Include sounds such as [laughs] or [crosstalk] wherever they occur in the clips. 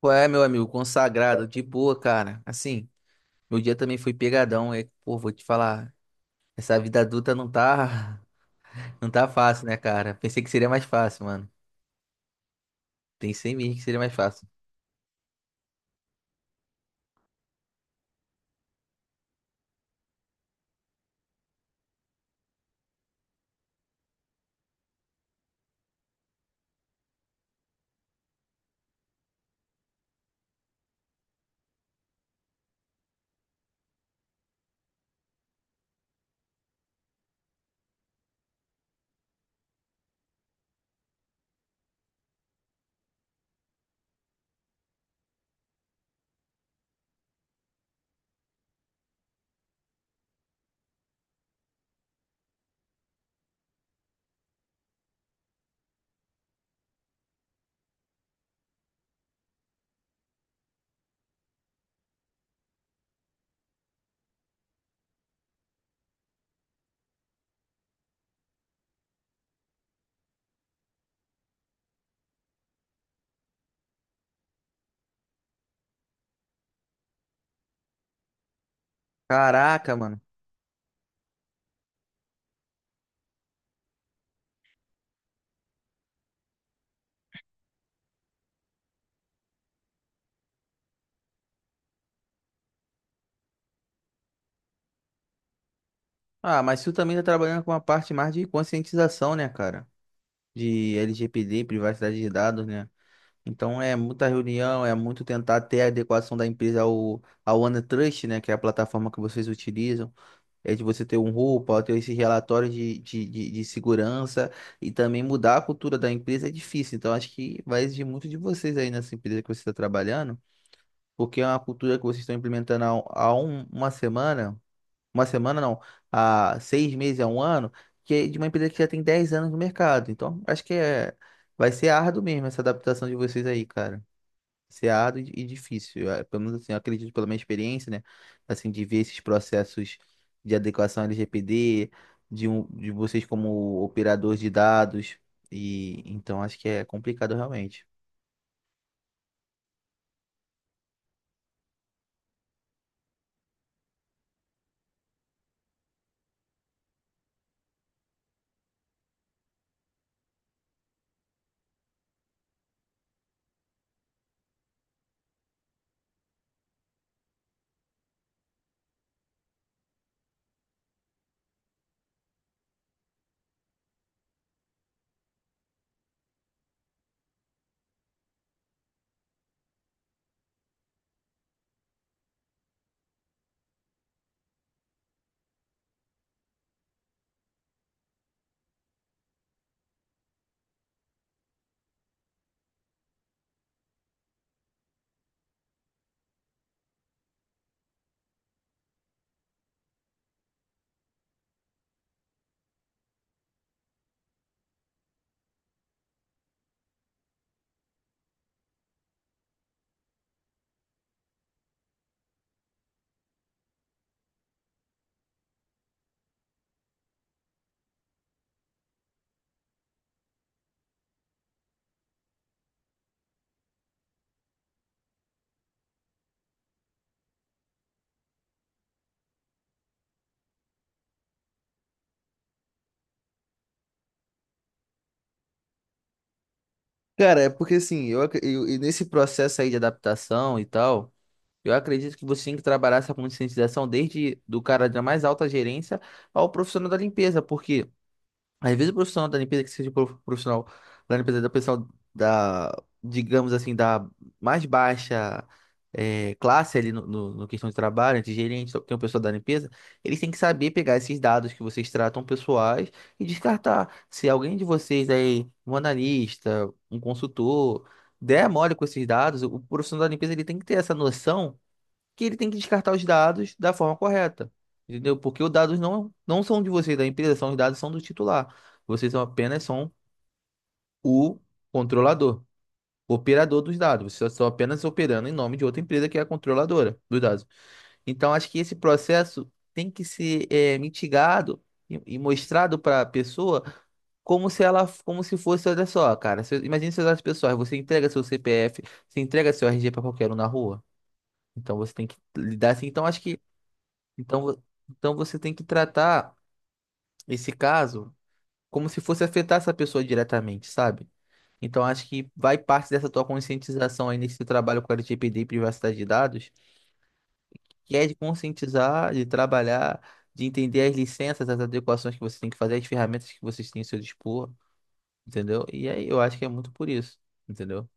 Qual é, meu amigo? Consagrado, de boa, cara. Assim, meu dia também foi pegadão. Pô, vou te falar, essa vida adulta não tá, [laughs] não tá fácil, né, cara? Pensei que seria mais fácil, mano. Pensei mesmo que seria mais fácil. Caraca, mano. Ah, mas tu também tá trabalhando com uma parte mais de conscientização, né, cara? De LGPD, privacidade de dados, né? Então é muita reunião, é muito tentar ter a adequação da empresa ao OneTrust, né? Que é a plataforma que vocês utilizam. É de você ter um roupa, ter esses relatórios de segurança e também mudar a cultura da empresa é difícil. Então, acho que vai exigir muito de vocês aí nessa empresa que você está trabalhando, porque é uma cultura que vocês estão implementando há uma semana não, há seis meses, há um ano, que é de uma empresa que já tem 10 anos no mercado. Então, vai ser árduo mesmo essa adaptação de vocês aí, cara, ser árduo e difícil. Ah, pelo menos assim, eu acredito pela minha experiência, né? Assim, de ver esses processos de adequação LGPD, de vocês como operador de dados. E então acho que é complicado realmente. Cara, é porque assim, e nesse processo aí de adaptação e tal, eu acredito que você tem que trabalhar essa conscientização desde do cara da mais alta gerência ao profissional da limpeza, porque às vezes o profissional da limpeza, que seja o profissional da limpeza da pessoal da, digamos assim, da mais baixa classe ali no questão de trabalho, de gerente, tem o pessoal da limpeza, eles têm que saber pegar esses dados que vocês tratam pessoais e descartar. Se alguém de vocês aí, um analista, um consultor, der mole com esses dados, o profissional da limpeza ele tem que ter essa noção que ele tem que descartar os dados da forma correta, entendeu? Porque os dados não são de vocês, da empresa, são, os dados são do titular. Vocês são apenas são o controlador, operador dos dados. Vocês estão apenas operando em nome de outra empresa que é a controladora dos dados. Então, acho que esse processo tem que ser mitigado e mostrado para a pessoa como se ela, como se fosse, olha só, cara, se, imagine seus dados pessoais, você entrega seu CPF, você entrega seu RG para qualquer um na rua. Então, você tem que lidar assim. Então, acho que então, vo- então você tem que tratar esse caso como se fosse afetar essa pessoa diretamente, sabe? Então acho que vai parte dessa tua conscientização aí nesse trabalho com a LGPD e privacidade de dados, que é de conscientizar, de trabalhar, de entender as licenças, as adequações que você tem que fazer, as ferramentas que vocês têm ao seu dispor, entendeu? E aí eu acho que é muito por isso, entendeu?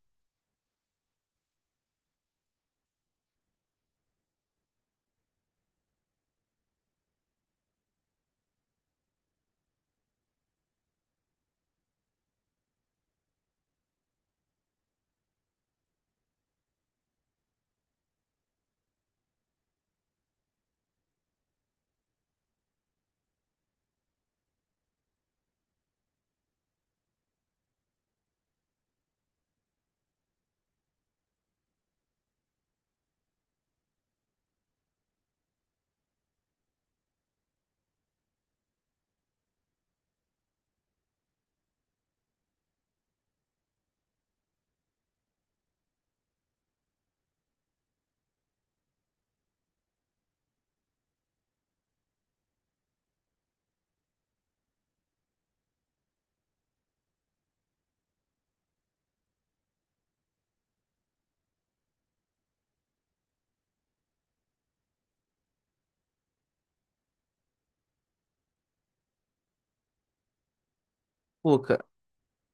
Pô, cara,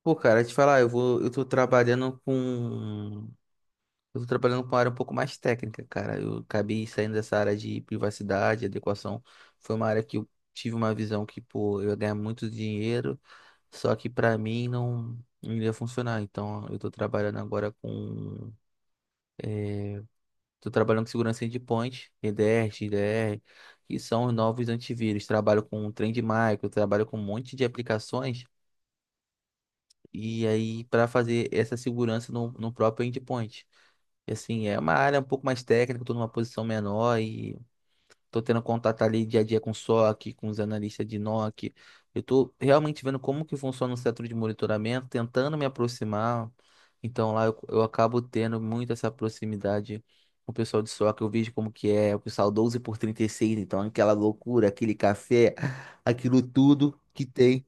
pô, cara, te falar, eu tô trabalhando com uma área um pouco mais técnica, cara. Eu acabei saindo dessa área de privacidade, adequação. Foi uma área que eu tive uma visão que, pô, eu ia ganhar muito dinheiro, só que pra mim não iria funcionar. Então, eu tô trabalhando agora com... Tô trabalhando com segurança endpoint, EDR, XDR, que são os novos antivírus. Trabalho com Trend Micro, trabalho com um monte de aplicações. E aí, para fazer essa segurança no próprio endpoint. E, assim, é uma área um pouco mais técnica, estou numa posição menor e tô tendo contato ali dia a dia com o SOC, com os analistas de NOC. Eu tô realmente vendo como que funciona o setor de monitoramento, tentando me aproximar. Então lá eu acabo tendo muito essa proximidade com o pessoal de SOC. Eu vejo como que é o pessoal 12 por 36, então aquela loucura, aquele café, aquilo tudo que tem.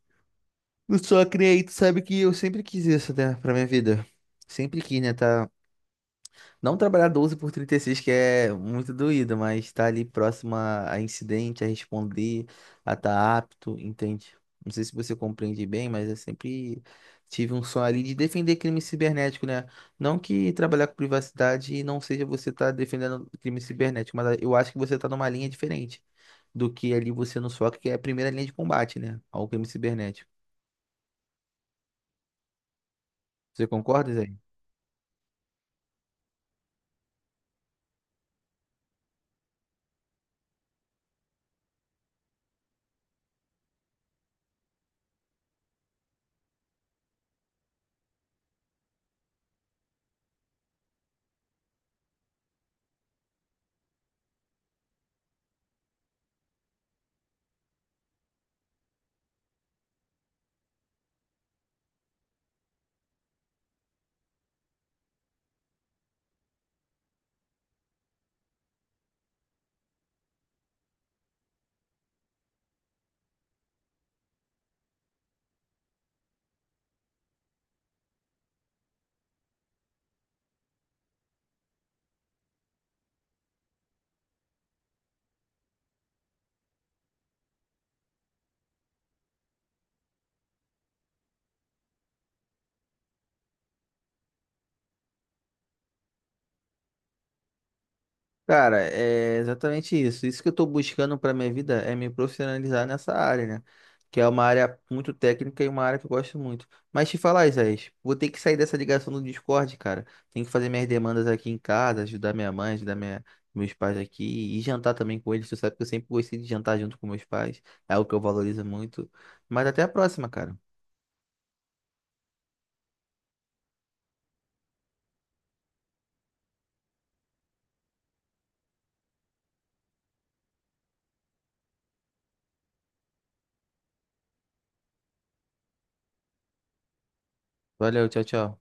No SOC, né? Tu sabe que eu sempre quis isso, né, pra minha vida. Sempre quis, né, tá, não trabalhar 12 por 36, que é muito doído, mas estar ali próximo a incidente, a responder, a estar apto, entende? Não sei se você compreende bem, mas eu sempre tive um sonho ali de defender crime cibernético, né? Não que trabalhar com privacidade não seja você estar defendendo crime cibernético, mas eu acho que você está numa linha diferente do que ali você no SOC, que é a primeira linha de combate, né? Ao crime cibernético. Você concorda, Zé? Cara, é exatamente isso. Isso que eu estou buscando para minha vida é me profissionalizar nessa área, né? Que é uma área muito técnica e uma área que eu gosto muito. Mas te falar, Isaías, vou ter que sair dessa ligação do Discord, cara. Tenho que fazer minhas demandas aqui em casa, ajudar minha mãe, meus pais aqui e jantar também com eles. Tu sabe que eu sempre gostei de jantar junto com meus pais. É algo que eu valorizo muito. Mas até a próxima, cara. Valeu, tchau, tchau.